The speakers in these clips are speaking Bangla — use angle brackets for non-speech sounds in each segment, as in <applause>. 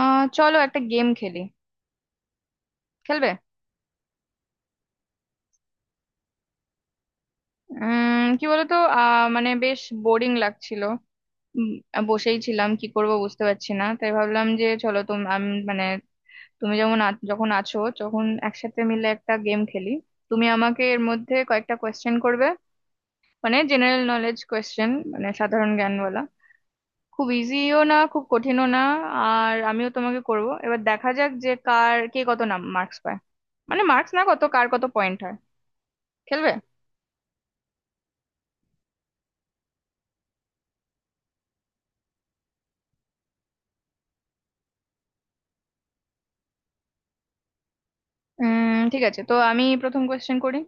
চলো একটা গেম খেলি। খেলবে? কি বলতো, মানে বেশ বোরিং লাগছিল। উম, বসেই ছিলাম, কি করব বুঝতে পারছি না, তাই ভাবলাম যে চলো তুমি আমি মানে তুমি যেমন যখন আছো, যখন একসাথে মিলে একটা গেম খেলি। তুমি আমাকে এর মধ্যে কয়েকটা কোয়েশ্চেন করবে, মানে জেনারেল নলেজ কোয়েশ্চেন, মানে সাধারণ জ্ঞানওয়ালা, খুব ইজিও না খুব কঠিনও না। আর আমিও তোমাকে করব, এবার দেখা যাক যে কার কে কত নাম মার্কস পায়, মানে মার্কস না, কত কার কত পয়েন্ট হয়। খেলবে? ঠিক আছে, তো আমি প্রথম কোয়েশ্চেন করি।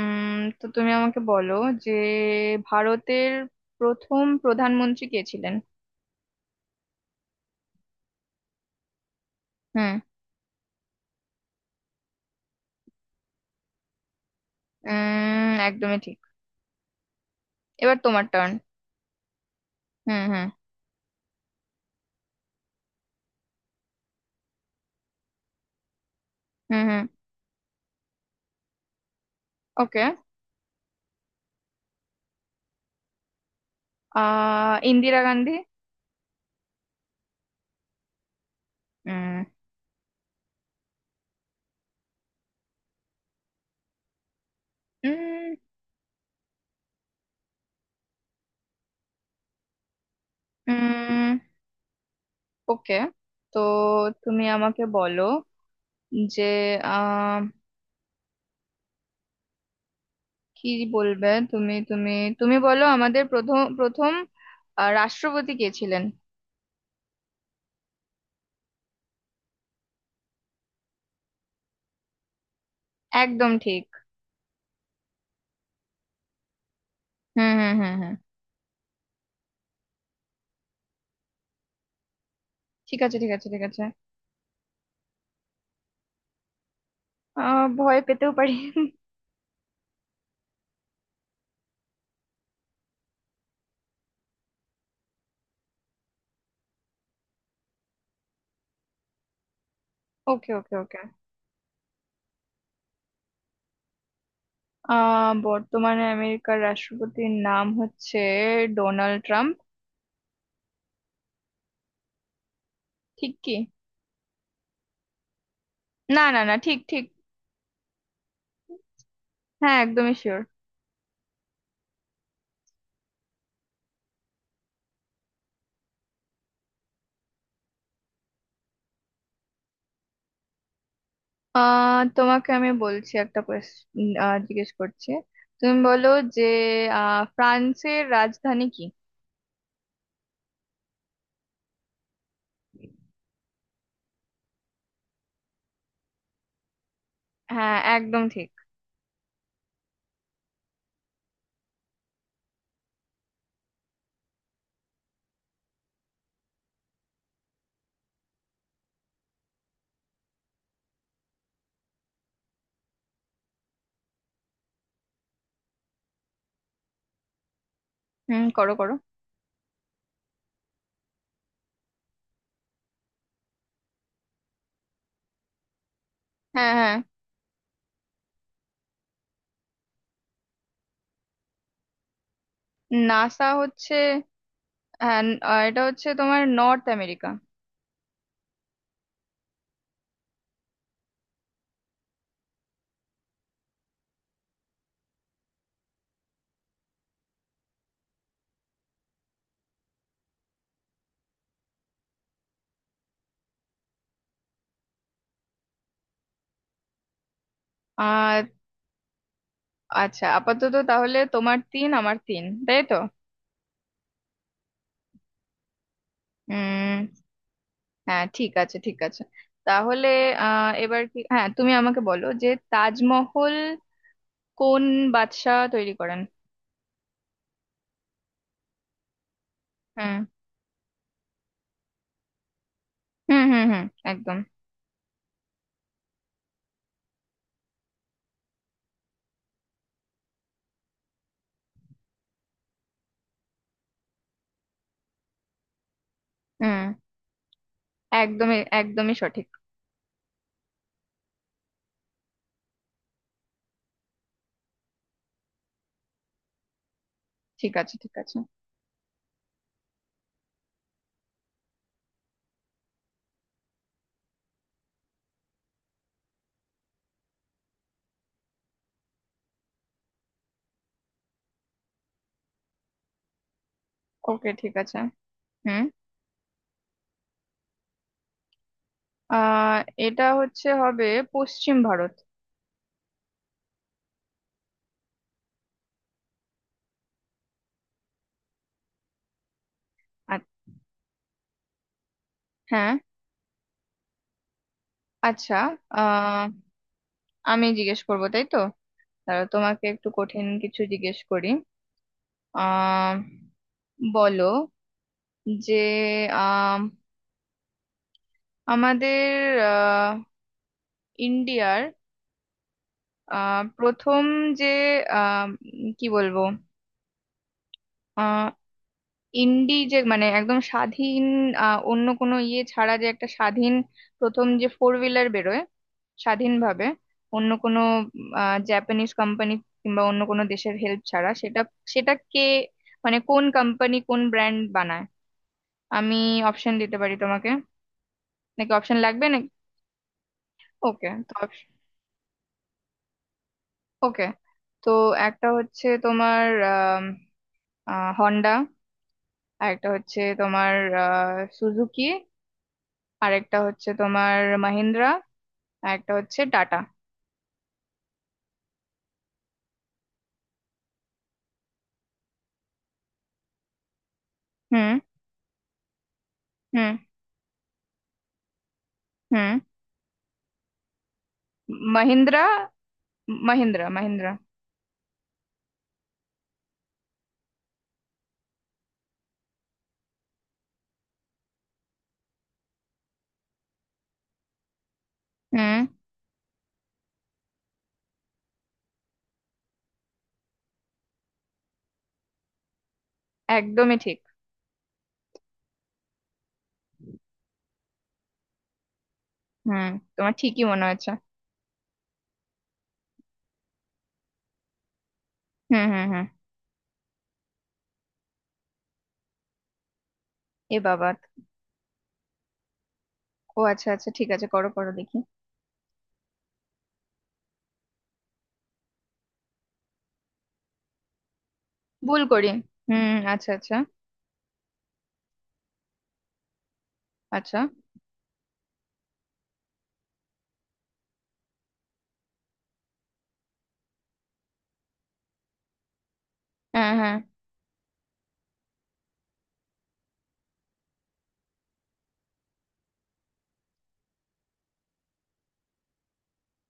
তো তুমি আমাকে বলো যে ভারতের প্রথম প্রধানমন্ত্রী কে ছিলেন? হুম। একদমই ঠিক। এবার তোমার টার্ন। হুম হুম, হুম হুম। ওকে। ইন্দিরা গান্ধী। উম, উম, উম। ওকে, তো তুমি আমাকে বলো যে আহ কি বলবে তুমি তুমি তুমি বলো আমাদের প্রথম প্রথম রাষ্ট্রপতি কে ছিলেন? একদম ঠিক। হুম হুম, হুম হুম। ঠিক আছে, ঠিক আছে, ঠিক আছে। ভয় পেতেও পারি। ওকে, ওকে, ওকে। বর্তমানে আমেরিকার রাষ্ট্রপতির নাম হচ্ছে ডোনাল্ড ট্রাম্প। ঠিক কি? না না না, ঠিক ঠিক। হ্যাঁ, একদমই শিওর। তোমাকে আমি বলছি, একটা কোয়েশ্চেন জিজ্ঞেস করছি, তুমি বলো যে ফ্রান্সের রাজধানী কি? হ্যাঁ, একদম ঠিক। হুম, করো করো। হ্যাঁ হ্যাঁ। নাসা হচ্ছে, হ্যাঁ, আহ, এটা হচ্ছে তোমার নর্থ আমেরিকা। আচ্ছা আপাতত তাহলে তোমার তিন আমার তিন, তাই তো? উম। হ্যাঁ, ঠিক আছে ঠিক আছে। তাহলে এবার কি, হ্যাঁ তুমি আমাকে বলো যে তাজমহল কোন বাদশাহ তৈরি করেন? হুম হুম, হুম হুম। একদম। হুম। একদমই, একদমই সঠিক। ঠিক আছে, ঠিক আছে। ওকে, ঠিক আছে। হুম। আহ এটা হচ্ছে, হবে পশ্চিম ভারত। আ- হ্যাঁ। আচ্ছা। আহ আমি জিজ্ঞেস করবো তাই তো, তাহলে তোমাকে একটু কঠিন কিছু জিজ্ঞেস করি। আহ বলো যে আম, আমাদের আহ, ইন্ডিয়ার প্রথম যে আম, কি বলবো, আহ, ইন্ডি যে মানে একদম স্বাধীন, অন্য কোনো ইয়ে ছাড়া, যে একটা স্বাধীন প্রথম যে ফোর হুইলার বেরোয় স্বাধীনভাবে, অন্য কোনো জাপানিজ কোম্পানি কিংবা অন্য কোনো দেশের হেল্প ছাড়া, সেটা সেটা কে, মানে কোন কোম্পানি কোন ব্র্যান্ড বানায়? আমি অপশন দিতে পারি তোমাকে, নাকি অপশন লাগবে নাকি? ওকে তো, ওকে তো, একটা হচ্ছে তোমার হন্ডা, আর একটা হচ্ছে তোমার সুজুকি, আর একটা হচ্ছে তোমার মাহিন্দ্রা, আর একটা হচ্ছে টাটা। হুম, হুম, হুম। মাহিন্দ্রা মাহিন্দ্রা মাহিন্দ্রা। হুম, একদমই ঠিক। হুম, তোমার ঠিকই মনে হচ্ছে। হুম হুম, হুম। এ বাবা। ও আচ্ছা, আচ্ছা ঠিক আছে, করো করো দেখি। ভুল করি? হুম, আচ্ছা আচ্ছা। আচ্ছা। হ্যাঁ হ্যাঁ।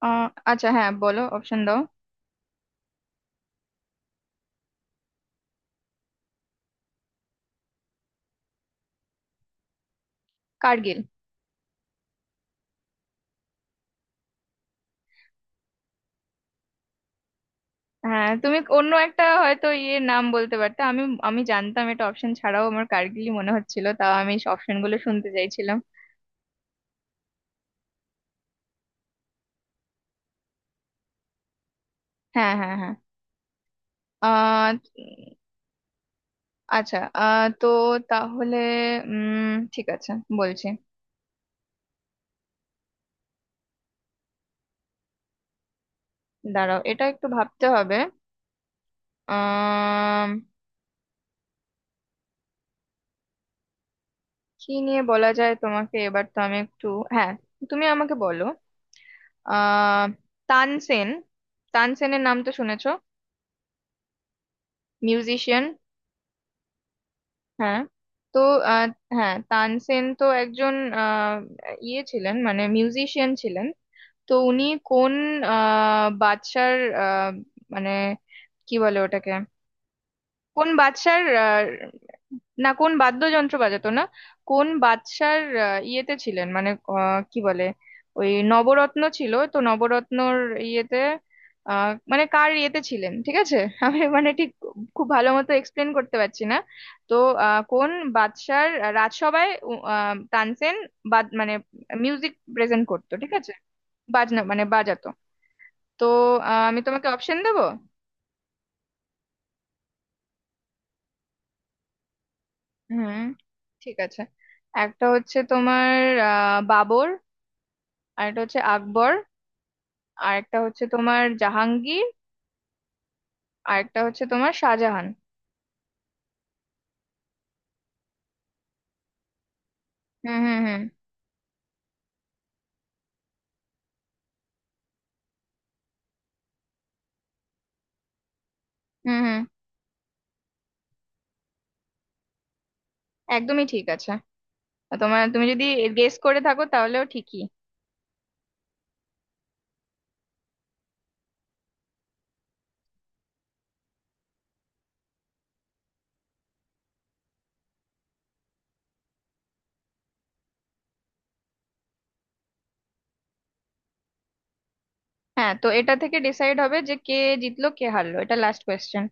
আহ, আচ্ছা, হ্যাঁ বলো, অপশন দাও। কার্গিল। হ্যাঁ, তুমি অন্য একটা হয়তো ইয়ে নাম বলতে পারতে। আমি আমি জানতাম, এটা অপশন ছাড়াও আমার কার্গিলই মনে হচ্ছিল, তাও আমি অপশন গুলো শুনতে চাইছিলাম। হ্যাঁ হ্যাঁ হ্যাঁ। আহ উম, আচ্ছা। তো তাহলে ঠিক আছে, বলছি। দাঁড়াও, এটা একটু ভাবতে হবে। আহ কি নিয়ে বলা যায় তোমাকে এবার, তো আমি একটু, হ্যাঁ তুমি আমাকে বলো আহ তানসেন, তানসেনের নাম তো শুনেছো, মিউজিশিয়ান। হ্যাঁ। তো আহ, হ্যাঁ তানসেন তো একজন আহ, ইয়ে ছিলেন, মানে মিউজিশিয়ান ছিলেন। তো উনি কোন বাদশার আহ, মানে, কি বলে ওটাকে, কোন বাদশার, না কোন বাদ্যযন্ত্র বাজাতো না, কোন বাদশার ইয়েতে ছিলেন মানে, কি বলে, ওই নবরত্ন ছিল তো, নবরত্নর ইয়েতে, মানে কার ইয়েতে ছিলেন ঠিক আছে <laughs> আমি মানে ঠিক খুব ভালো মতো এক্সপ্লেন করতে পারছি না। তো কোন বাদশার রাজসভায় তানসেন বাদ মানে মিউজিক প্রেজেন্ট করতো, ঠিক আছে, বাজনা মানে বাজাতো। তো আমি তোমাকে অপশন দেবো। হুম, ঠিক আছে। একটা হচ্ছে তোমার বাবর, আর একটা হচ্ছে আকবর, আর একটা হচ্ছে তোমার জাহাঙ্গীর, আর একটা হচ্ছে তোমার শাহজাহান। হুম হুম, হুম হুম। হুম। একদমই ঠিক আছে। আর তোমার, তুমি যদি গেস করে থাকো তাহলেও ঠিকই। হ্যাঁ, তো এটা থেকে ডিসাইড হবে যে কে জিতলো কে হারলো, এটা লাস্ট কোয়েশ্চেন।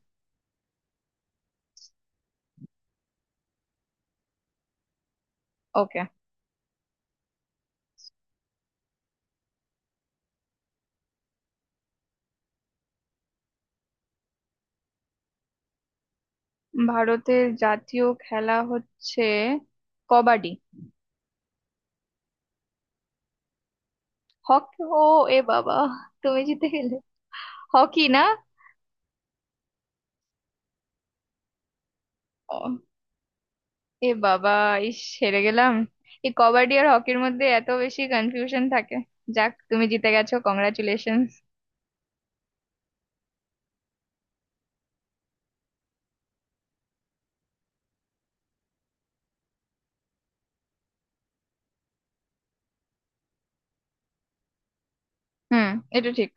ওকে। ভারতের জাতীয় খেলা হচ্ছে কবাডি। হকি? ও, এ বাবা, তুমি জিতে গেলে! হকি না? এ বাবা, ইস, হেরে গেলাম। এই কবাডি আর হকির মধ্যে এত বেশি কনফিউশন থাকে। যাক, তুমি জিতে গেছো, কংগ্রাচুলেশনস। হুম, এটা ঠিক।